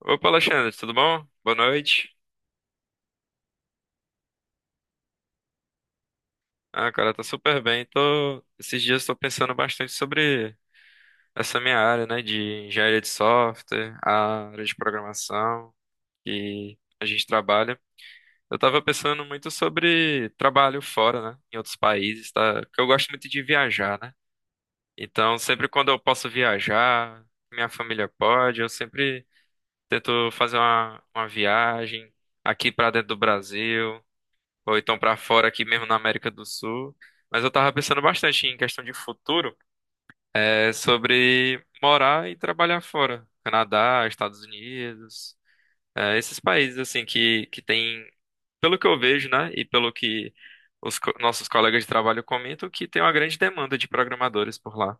Opa, Alexandre, tudo bom? Boa noite. Ah, cara, tá super bem. Tô... Esses dias tô pensando bastante sobre essa minha área, né, de engenharia de software, a área de programação que a gente trabalha. Eu tava pensando muito sobre trabalho fora, né, em outros países, tá? Porque eu gosto muito de viajar, né? Então, sempre quando eu posso viajar, minha família pode, eu sempre tento fazer uma viagem aqui pra dentro do Brasil, ou então pra fora aqui mesmo na América do Sul. Mas eu tava pensando bastante em questão de futuro, é sobre morar e trabalhar fora, Canadá, Estados Unidos, esses países assim que tem, pelo que eu vejo, né, e pelo que nossos colegas de trabalho comentam, que tem uma grande demanda de programadores por lá.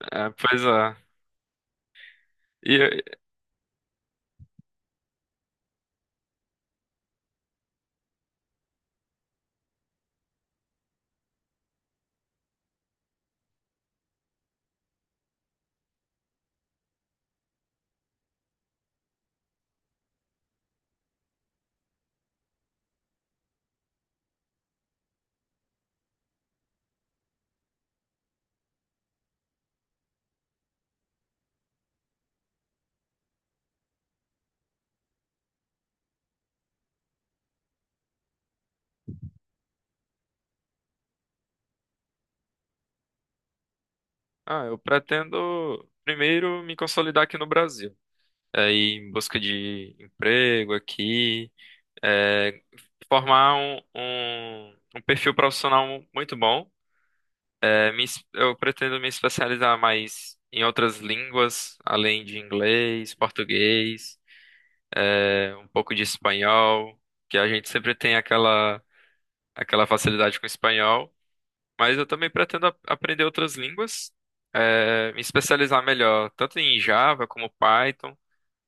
É, pois é. E eu- eu pretendo primeiro me consolidar aqui no Brasil, é, ir em busca de emprego aqui. é, Formar um perfil profissional muito bom. Eu pretendo me especializar mais em outras línguas, além de inglês, português, um pouco de espanhol, que a gente sempre tem aquela facilidade com espanhol. Mas eu também pretendo aprender outras línguas, é, me especializar melhor, tanto em Java como Python,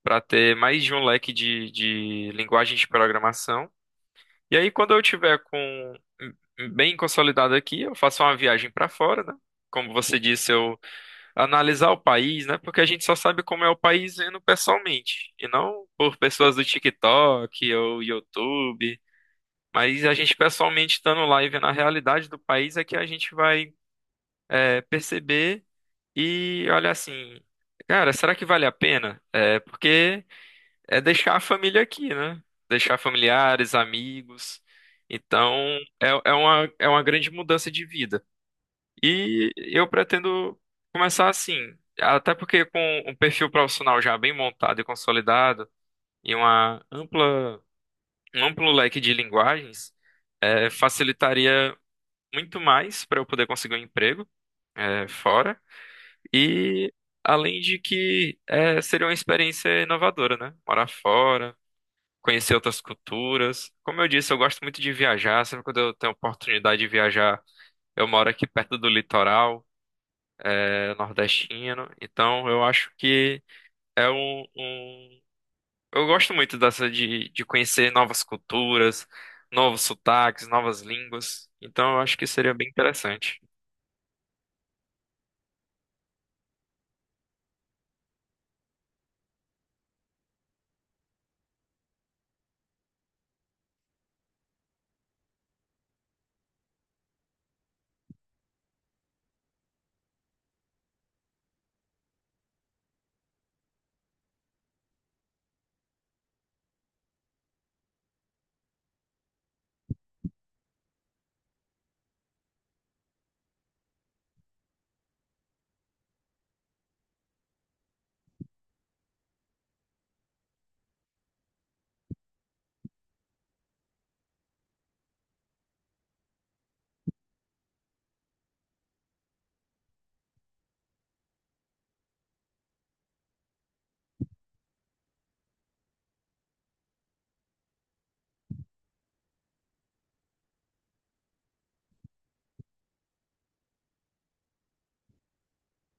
para ter mais de um leque de linguagens de programação. E aí, quando eu tiver com bem consolidado aqui, eu faço uma viagem para fora, né? Como você disse, eu analisar o país, né? Porque a gente só sabe como é o país vendo pessoalmente, e não por pessoas do TikTok ou YouTube. Mas a gente pessoalmente estando lá e vendo a realidade do país é que a gente vai perceber e olhar assim, cara, será que vale a pena? É, porque é deixar a família aqui, né? Deixar familiares, amigos. Então, é uma grande mudança de vida. E eu pretendo começar assim, até porque com um perfil profissional já bem montado e consolidado, e um amplo leque de linguagens, facilitaria muito mais para eu poder conseguir um emprego, fora. E além de que seria uma experiência inovadora, né? Morar fora, conhecer outras culturas. Como eu disse, eu gosto muito de viajar. Sempre quando eu tenho oportunidade de viajar, eu moro aqui perto do litoral, é, nordestino. Então, eu acho que é um, um- eu gosto muito dessa de conhecer novas culturas, novos sotaques, novas línguas. Então, eu acho que seria bem interessante.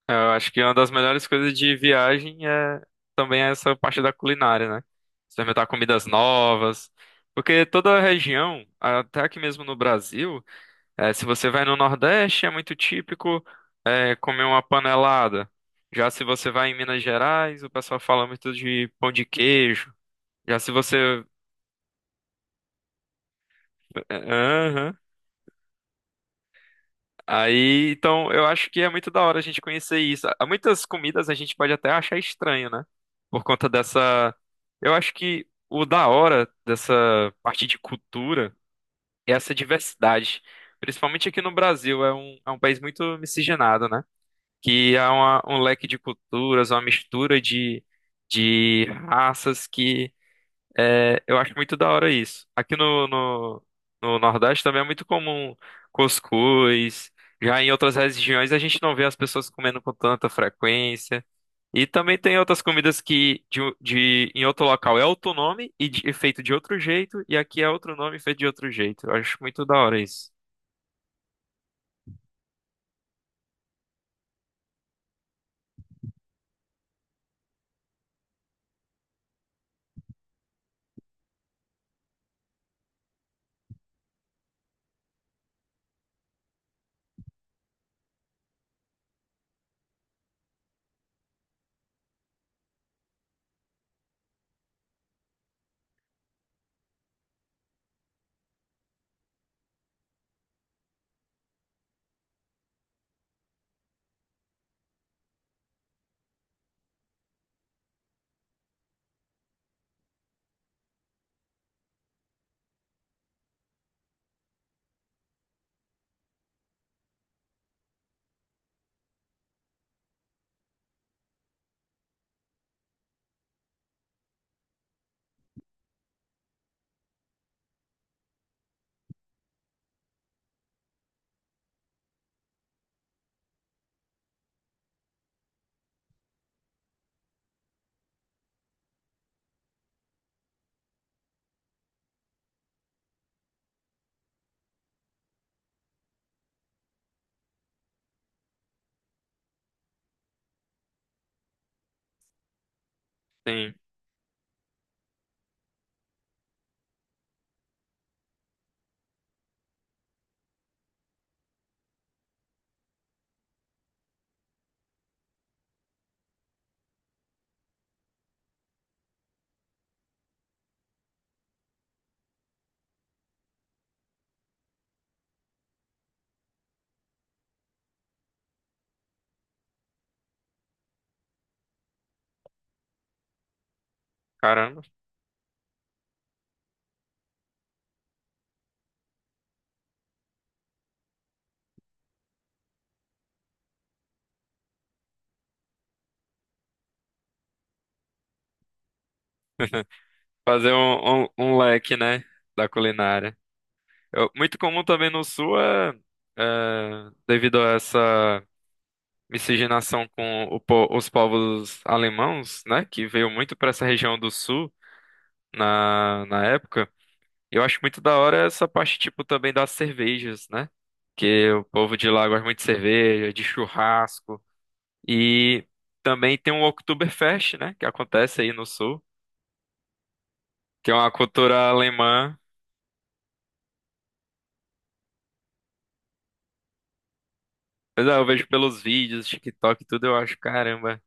É, eu acho que uma das melhores coisas de viagem é também essa parte da culinária, né? Experimentar comidas novas. Porque toda a região, até aqui mesmo no Brasil, é, se você vai no Nordeste, é muito típico comer uma panelada. Já se você vai em Minas Gerais, o pessoal fala muito de pão de queijo. Já se você. É, Aham. Aí, então, eu acho que é muito da hora a gente conhecer isso. Há muitas comidas a gente pode até achar estranho, né? Por conta dessa. Eu acho que o da hora dessa parte de cultura é essa diversidade. Principalmente aqui no Brasil, é é um país muito miscigenado, né? Que um leque de culturas, uma mistura de raças que eu acho muito da hora isso. Aqui no Nordeste também é muito comum cuscuz. Já em outras regiões a gente não vê as pessoas comendo com tanta frequência. E também tem outras comidas que em outro local é outro nome e, e feito de outro jeito, e aqui é outro nome e feito de outro jeito. Eu acho muito da hora isso. Sim, caramba. Fazer um leque, né, da culinária. Muito comum também no Sul é, é, devido a essa miscigenação com os povos alemãos, né, que veio muito para essa região do Sul na época. Eu acho muito da hora essa parte, tipo, também das cervejas, né, que o povo de lá gosta muito de cerveja, de churrasco. E também tem o Oktoberfest, né, que acontece aí no Sul, que é uma cultura alemã. Mas é, eu vejo pelos vídeos, TikTok e tudo, eu acho, caramba.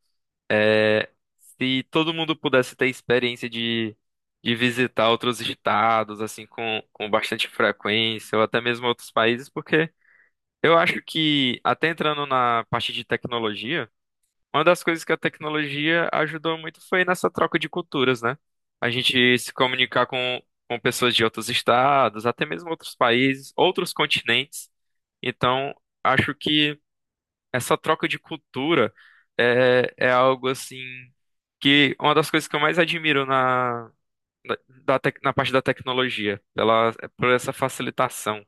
É, se todo mundo pudesse ter experiência de visitar outros estados, assim, com bastante frequência, ou até mesmo outros países, porque eu acho que, até entrando na parte de tecnologia, uma das coisas que a tecnologia ajudou muito foi nessa troca de culturas, né? A gente se comunicar com pessoas de outros estados, até mesmo outros países, outros continentes. Então, acho que essa troca de cultura é algo assim que uma das coisas que eu mais admiro na, na parte da tecnologia, pela, é por essa facilitação.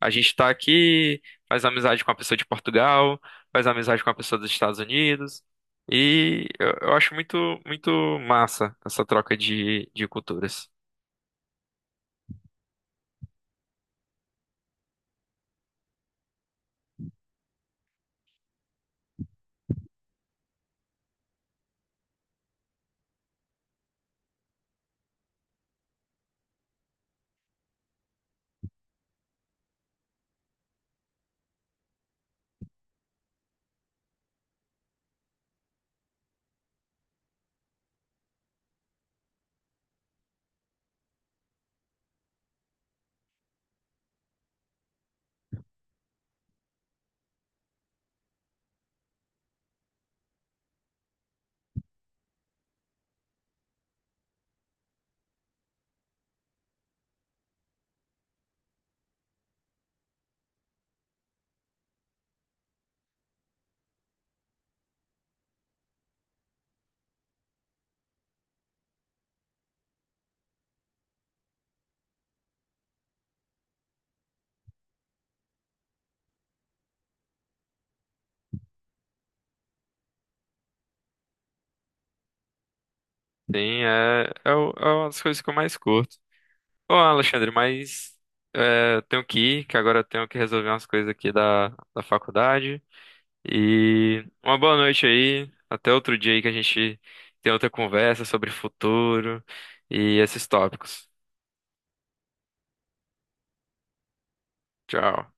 A gente está aqui, faz amizade com a pessoa de Portugal, faz amizade com a pessoa dos Estados Unidos, e eu acho muito, muito massa essa troca de culturas. Sim, é uma das coisas que eu mais curto. Ô, Alexandre, mas é, eu tenho que ir, que agora eu tenho que resolver umas coisas aqui da faculdade. E uma boa noite aí. Até outro dia aí que a gente tem outra conversa sobre futuro e esses tópicos. Tchau.